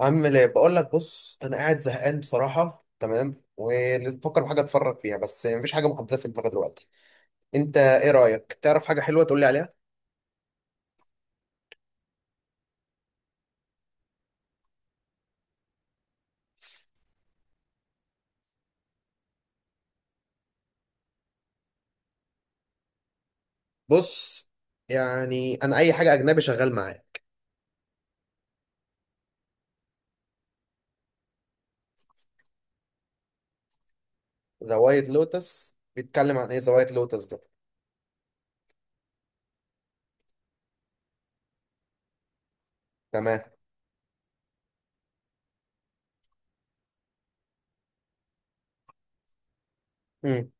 عامل ايه؟ بقول لك بص، انا قاعد زهقان بصراحه. تمام، ولازم بفكر في حاجه اتفرج فيها بس مفيش حاجه محدده في دماغي دلوقتي. انت ايه رايك؟ تعرف حاجه حلوه تقول لي عليها؟ بص، يعني انا اي حاجه اجنبي شغال معايا. ذا وايت لوتس بيتكلم عن ايه؟ ذا وايت لوتس ده؟ تمام. امم.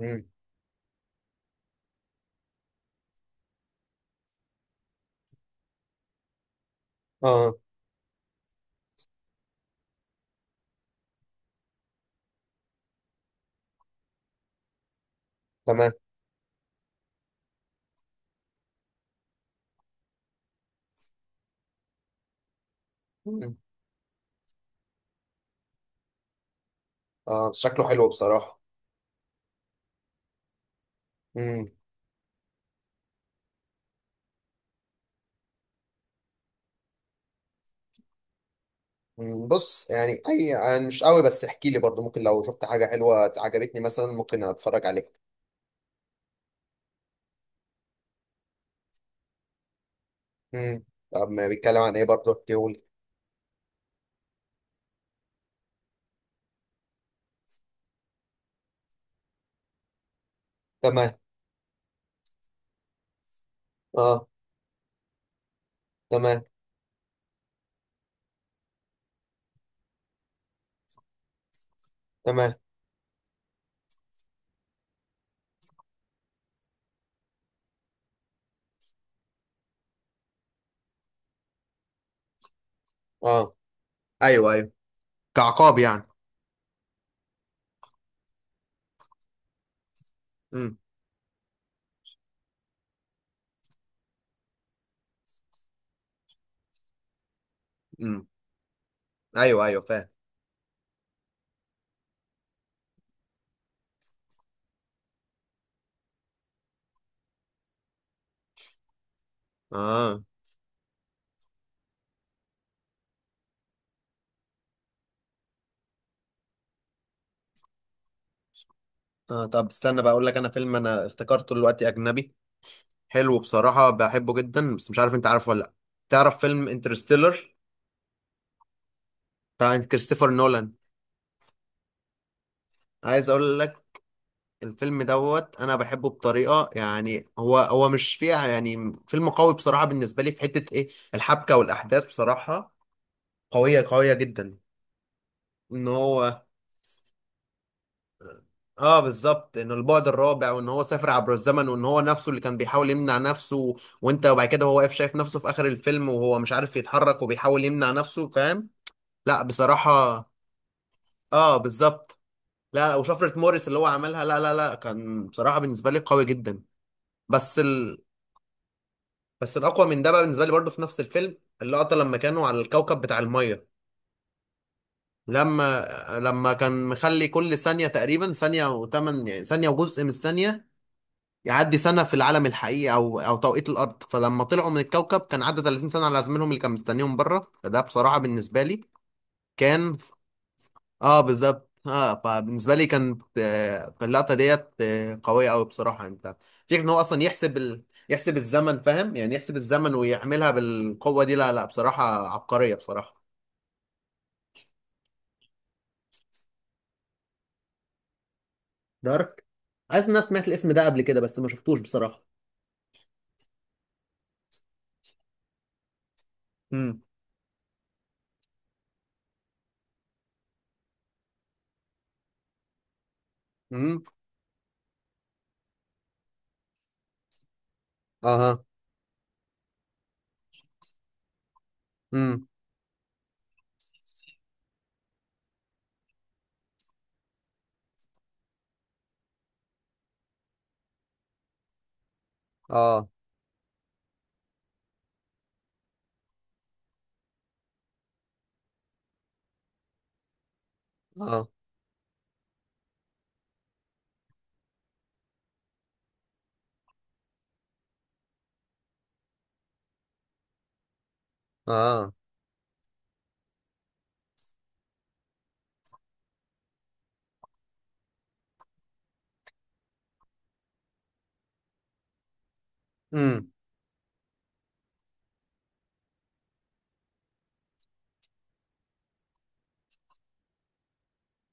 امم. اه. تمام. مم. اه، شكله حلو بصراحه. امم. بص يعني اي، يعني مش قوي، بس احكي لي برضو، ممكن لو شفت حاجه حلوه عجبتني مثلا ممكن اتفرج عليها. مم. طب ما بيتكلم عن ايه برضه، احكيهولي. تمام. اه. تمام. تمام. اه. ايوه ايوه، كعقاب يعني. امم. امم. ايوه ايوه، فاهم. اه. اه، طب استنى بقى اقول لك، انا فيلم انا افتكرته دلوقتي اجنبي، حلو بصراحه بحبه جدا بس مش عارف انت عارفه ولا لا. تعرف فيلم انترستيلر؟ بتاع كريستوفر نولان. عايز اقول لك، الفيلم دوت انا بحبه بطريقه، يعني هو مش فيها، يعني فيلم قوي بصراحه بالنسبه لي. في حته ايه؟ الحبكه والاحداث بصراحه قويه قويه جدا. ان هو اه بالظبط، انه البعد الرابع وان هو سافر عبر الزمن وان هو نفسه اللي كان بيحاول يمنع نفسه. وانت وبعد كده هو واقف شايف نفسه في اخر الفيلم وهو مش عارف يتحرك وبيحاول يمنع نفسه، فاهم. لا بصراحة. اه بالظبط. لا، وشفرة موريس اللي هو عملها، لا لا لا، كان بصراحة بالنسبة لي قوي جدا. بس ال... بس الاقوى من ده بقى بالنسبة لي برضه في نفس الفيلم، اللقطة لما كانوا على الكوكب بتاع المية. لما لما كان مخلي كل ثانية تقريبا ثانية وثمان، يعني ثانية وجزء من الثانية يعدي سنة في العالم الحقيقي أو توقيت الأرض. فلما طلعوا من الكوكب كان عدى 30 سنة على زميلهم اللي كان مستنيهم بره. فده بصراحة بالنسبة لي كان اه بالظبط. اه، فبالنسبة لي كانت اللقطة ديت قوية أوي بصراحة. أنت فكرة إن هو أصلا يحسب الزمن، فاهم يعني، يحسب الزمن ويعملها بالقوة دي. لا لا، بصراحة عبقرية بصراحة. دارك. عايز، الناس سمعت الاسم ده قبل كده بس ما شفتوش بصراحة. امم. امم. اها. امم. اه. اه. اه. امم.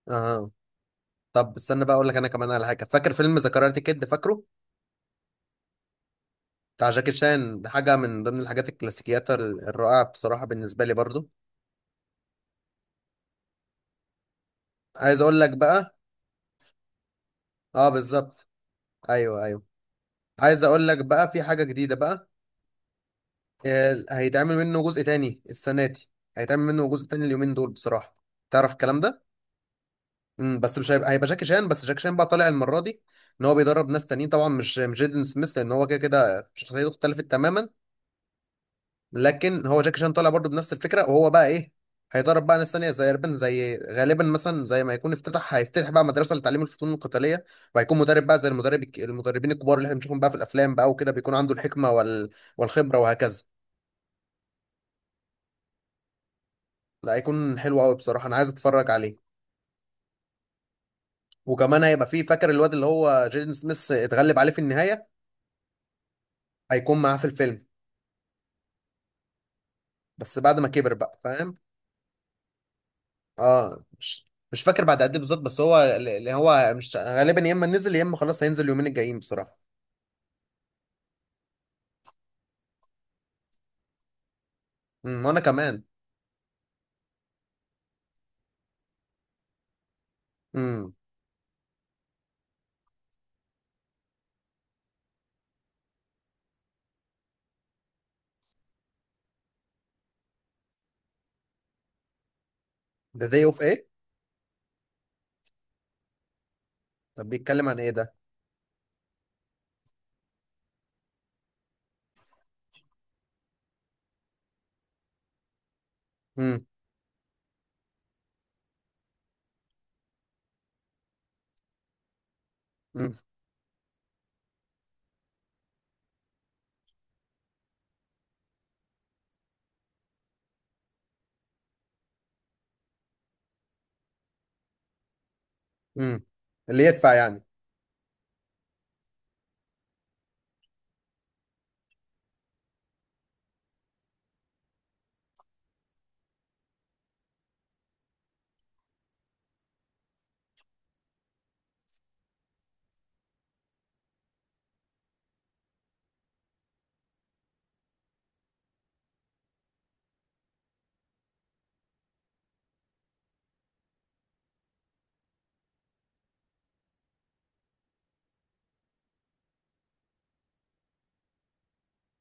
اها. طب استنى بقى اقول لك انا كمان على حاجه. فاكر فيلم ذا كاراتي كيد؟ فاكره؟ بتاع جاكي شان، ده حاجه من ضمن الحاجات الكلاسيكيات الرائعه بصراحه بالنسبه لي برضو. عايز اقول لك بقى. اه بالظبط. ايوه ايوه. عايز اقول لك بقى في حاجه جديده بقى. هيتعمل منه جزء تاني السنه دي. هيتعمل منه جزء تاني اليومين دول بصراحه. تعرف الكلام ده؟ امم، بس مش هيبقى، هيبقى جاكي شان بس، جاكي شان بقى طالع المره دي. ان هو بيدرب ناس تانيين، طبعا مش جيدن سميث، لان هو كده كده شخصيته اختلفت تماما. لكن هو جاكي شان طالع برضو بنفس الفكره، وهو بقى ايه، هيدرب بقى ناس تانية زي اربن، زي غالبا مثلا، زي ما يكون افتتح، هيفتتح بقى مدرسه لتعليم الفنون القتاليه. وهيكون مدرب بقى زي المدربين الكبار اللي احنا بنشوفهم بقى في الافلام بقى وكده، بيكون عنده الحكمه والخبره وهكذا. لا، هيكون حلو قوي بصراحه، انا عايز اتفرج عليه. وكمان هيبقى فيه، فاكر الواد اللي هو جيدن سميث اتغلب عليه في النهايه، هيكون معاه في الفيلم بس بعد ما كبر بقى، فاهم. اه، مش فاكر بعد قد ايه بالظبط، بس هو اللي هو مش غالبا، يا اما نزل يا اما خلاص هينزل اليومين الجايين بصراحه. امم، وانا كمان. امم. ذا داي اوف ايه؟ طب بيتكلم عن ايه ده؟ امم. امم. امم. اللي يدفع يعني.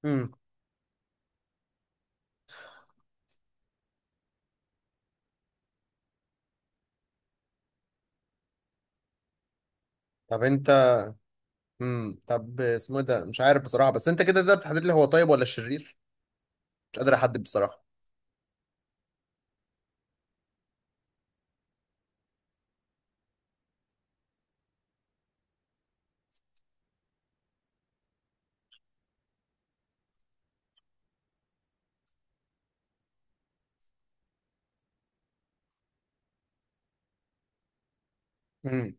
امم. طب انت. امم، طب اسمه إيه ده؟ مش عارف بصراحه، بس انت كده تقدر تحدد لي هو طيب ولا شرير؟ مش قادر احدد بصراحه. امم.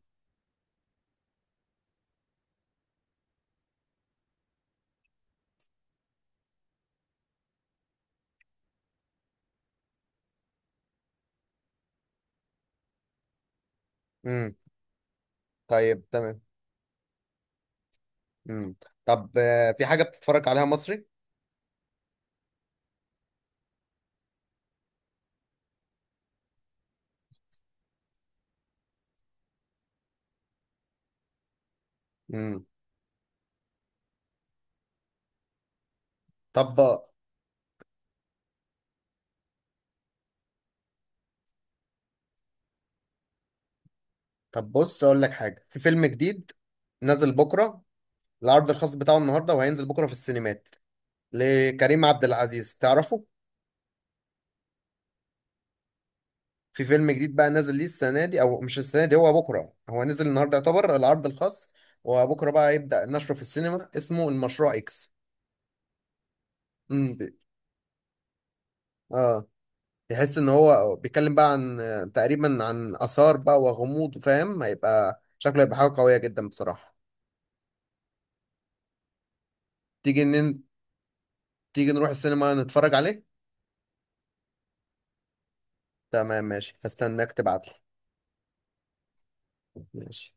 امم، طيب تمام. امم، طب في حاجه بتتفرج عليها مصري؟ امم. طب. طب بص اقول لك حاجه، في فيلم جديد نازل بكره. العرض الخاص بتاعه النهارده وهينزل بكره في السينمات. لكريم عبد العزيز، تعرفه؟ في فيلم جديد بقى نازل ليه السنه دي، او مش السنه دي، هو بكره، هو نزل النهارده يعتبر العرض الخاص، وبكره بقى يبدا نشره في السينما. اسمه المشروع اكس. امم ب- اه، تحس ان هو بيتكلم بقى عن تقريبا عن اثار بقى وغموض، فاهم، هيبقى شكله هيبقى حاجه قويه جدا بصراحه. تيجي نن... تيجي نروح السينما نتفرج عليه. تمام ماشي، هستناك تبعتلي. ماشي.